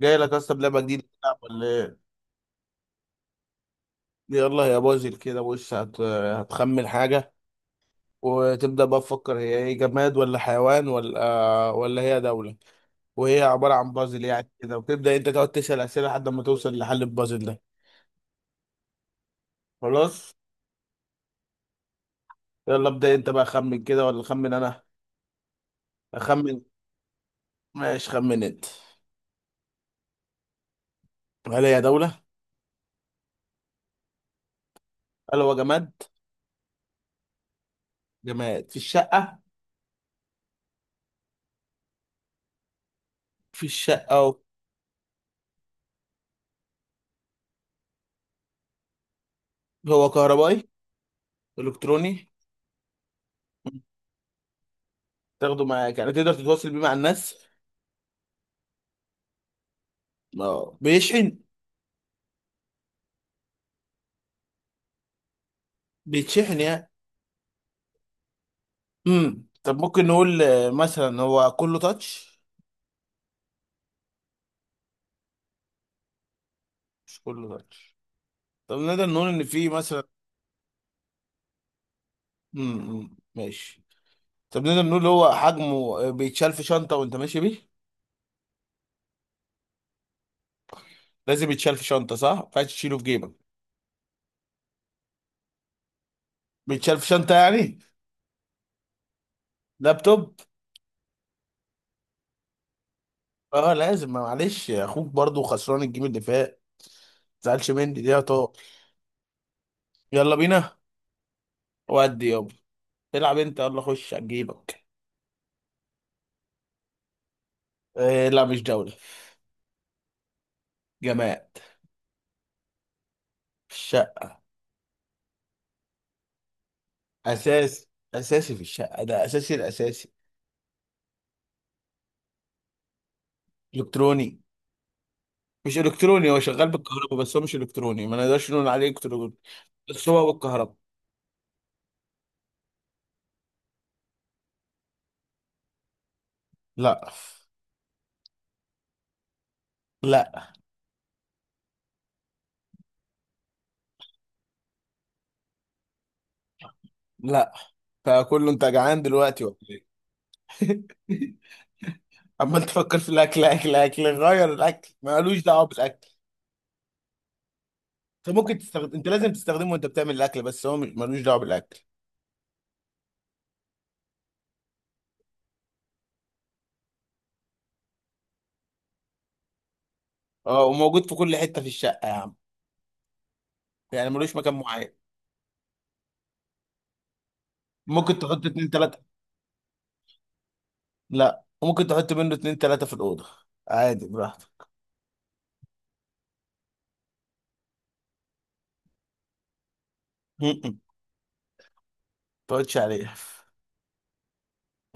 جاي لك اصلا بلعبه جديده تلعب ولا ايه؟ يلا يا بازل كده، بص هتخمن حاجه وتبدا بقى تفكر هي ايه، جماد ولا حيوان ولا هي دوله. وهي عباره عن بازل يعني كده، وتبدا انت تقعد تسال اسئله لحد ما توصل لحل البازل ده. خلاص، يلا ابدا انت بقى، خمن كده ولا خمن انا؟ اخمن. ماشي، خمن انت. هل هي دوله؟ هل هو جماد؟ جماد في الشقه. في الشقه اهو. هو كهربائي؟ الكتروني. تاخده معاك يعني، تقدر تتواصل بيه مع الناس. اه بيشحن. بيتشحن يعني. طب ممكن نقول مثلا هو كله تاتش؟ مش كله تاتش. طب نقدر نقول ان في مثلا. ماشي. طب نقدر نقول هو حجمه، بيتشال في شنطه وانت ماشي بيه؟ لازم يتشال في شنطه، صح؟ ما ينفعش تشيله في جيبك. بيتشال في شنطه يعني. لابتوب. اه لازم، ما معلش يا اخوك برضو خسران الجيم اللي فات، ما تزعلش مني دي يا طارق. يلا بينا. ودي يابا. العب انت، يلا خش على جيبك. لا مش جوله. جماعه. اساس. اساسي في الشقه ده، اساسي الاساسي. الكتروني؟ مش الكتروني، هو شغال بالكهرباء بس، هو مش الكتروني، ما نقدرش نقول عليه الكتروني. بس هو بالكهرباء. لا. لا. لا. فكله، انت جعان دلوقتي ولا ايه؟ عمال تفكر في الاكل، اكل اكل، غير الاكل مالوش دعوه بالاكل. انت ممكن تستخدم، انت لازم تستخدمه وانت بتعمل الاكل، بس هو ملوش دعوه بالاكل. اه، وموجود في كل حته في الشقه يا عم، يعني ملوش مكان معين. ممكن تحط اتنين تلات. لا، ممكن تحط منه اتنين تلاتة في الأوضة، عادي براحتك. م- م. ما تقعدش عليها.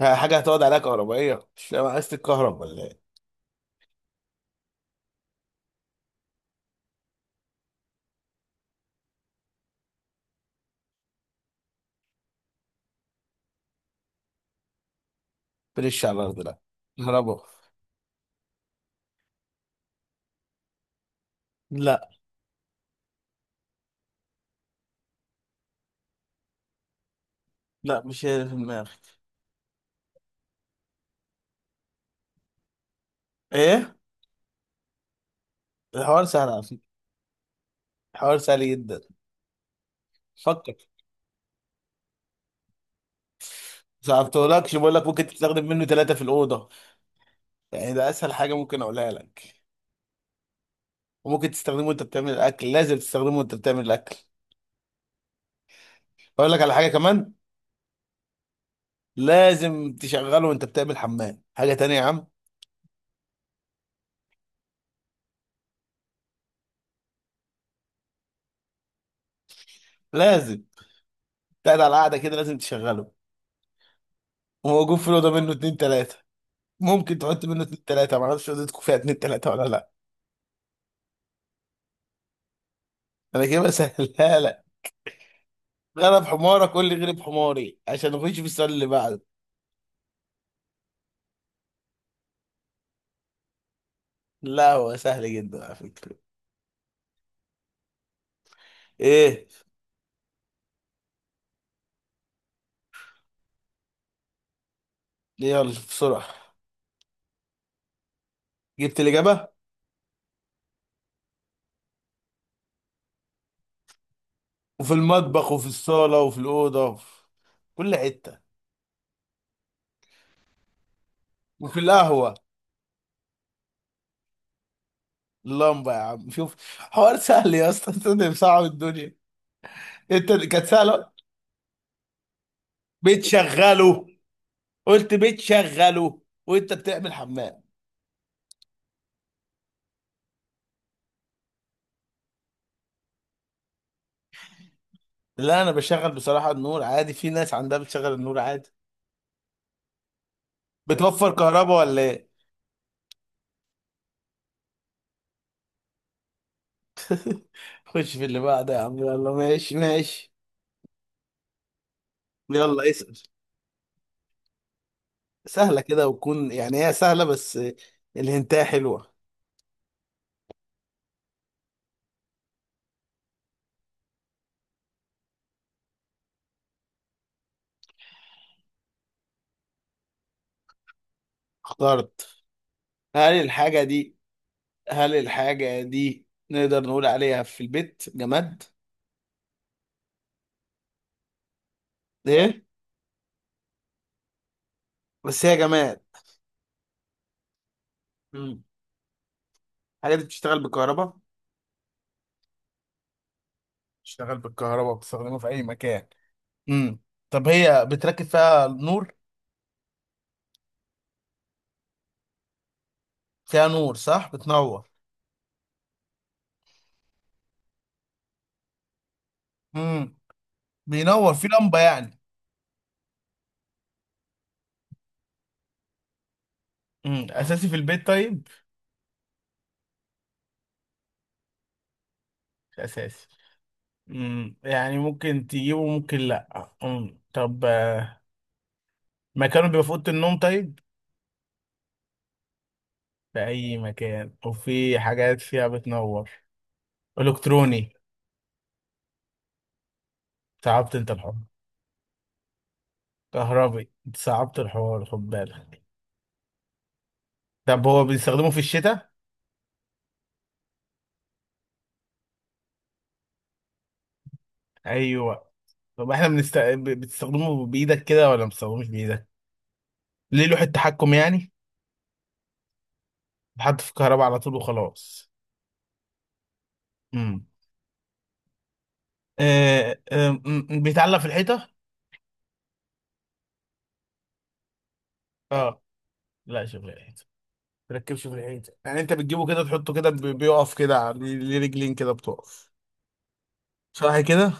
ها، حاجة هتقعد عليها كهربائية؟ مش فاهم، عايز تتكهرب ولا ايه؟ بلش على الأرض لا. كهربا. لا، لا، مش هي اللي في دماغك. ايه؟ الحوار سهل على فكرة. الحوار سهل جدا. فكر. صعبتهولكش، بقول لك ممكن تستخدم منه ثلاثة في الأوضة، يعني ده أسهل حاجة ممكن أقولها لك. وممكن تستخدمه وأنت بتعمل الأكل، لازم تستخدمه وأنت بتعمل الأكل. أقول لك على حاجة كمان، لازم تشغله وأنت بتعمل حمام، حاجة تانية يا عم. لازم. قاعد على قاعده كده لازم تشغله. وموجود في الاوضه منه اتنين تلاته. ممكن تحط منه اتنين تلاته، ما اعرفش اوضتكم فيها اتنين تلاته ولا لا. انا كده بسهلها لك. غلب حمارك، قول لي غلب حماري عشان نخش في السؤال اللي بعده. لا هو سهل جدا على فكره. ايه؟ يلا بسرعه، جبت الاجابه. وفي المطبخ وفي الصاله وفي الاوضه وفي كل حته وفي القهوه. اللمبه يا عم، شوف حوار سهل يا اسطى. انت بتصعب الدنيا، انت كانت سهله. بتشغله. قلت بتشغله وانت بتعمل حمام. لا انا بشغل بصراحه النور عادي، في ناس عندها بتشغل النور عادي. بتوفر كهرباء ولا ايه؟ خش في اللي بعده يا عم، يلا ماشي ماشي. يلا اسأل، سهله كده، وتكون يعني هي سهله بس الهنتايه حلوه. اخترت. هل الحاجه دي؟ هل الحاجه دي نقدر نقول عليها في البيت جماد؟ ايه؟ بس هي جماد. مم. الحاجه دي بتشتغل بالكهرباء. بتشتغل بالكهرباء، بتستخدمها في اي مكان. امم طب هي بتركب فيها نور؟ فيها نور، صح؟ بتنور. امم بينور في لمبة يعني. اساسي في البيت طيب؟ مش اساسي. يعني ممكن تجيبه ممكن لا. طب، مكانه بيبقى في اوضه النوم طيب؟ في اي مكان وفي حاجات فيها بتنور. الكتروني؟ صعبت انت الحوار. كهربي؟ انت صعبت الحوار، خد بالك. طب هو بيستخدمه في الشتاء؟ ايوه. طب احنا بتستخدمه بايدك كده ولا ما بتستخدموش بايدك؟ ليه لوحة تحكم يعني؟ بحط في الكهرباء على طول وخلاص. امم بيتعلق في الحيطة؟ اه. لا شوف الحيطة، تركبش في الحيطة يعني، انت بتجيبه كده تحطه كده، بيقف كده على، ليه ليه رجلين كده بتقف، صح كده؟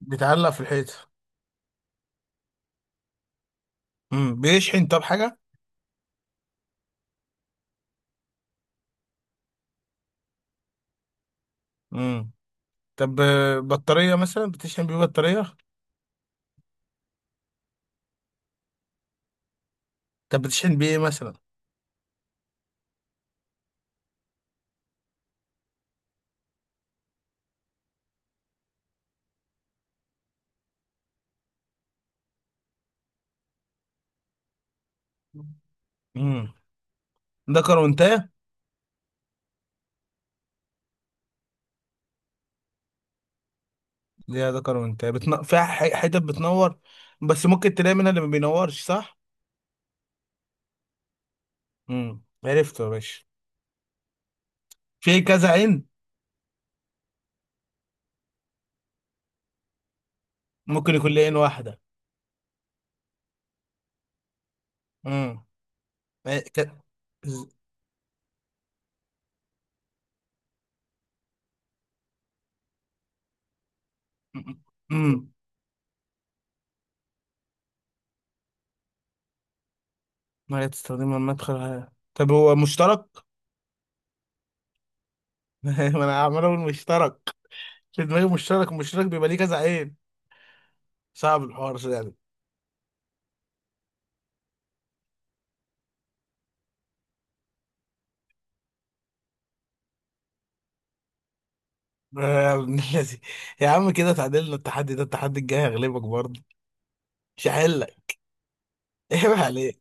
بيتعلق في الحيطة. بيشحن؟ طب حاجة. امم طب، بطارية مثلا بتشحن بيه بطارية؟ طب بتشحن بيه ايه مثلا؟ امم ده كرونتاه. ليه ده كرونتاه؟ فيها حتت بتنور، بس ممكن تلاقي منها اللي ما بينورش، صح؟ عرفته يا باشا. في كذا عين. ممكن يكون لعين واحدة. امم إيه ك... ز- امم ما هي تستخدمها المدخل. على، طب هو مشترك. ما انا عمال اقول مشترك في دماغي، مشترك مشترك بيبقى ليه كذا عين. صعب الحوار ده يعني. يا ابن الذي، يا عم كده تعادلنا. التحدي ده، التحدي الجاي هغلبك برضه. مش هحلك. ايه عليك.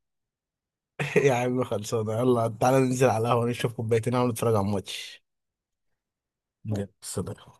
يا عم خلصانه، يلا تعالى ننزل على القهوه نشرب كوبايتين قهوة ونتفرج على الماتش. يلا، سلام.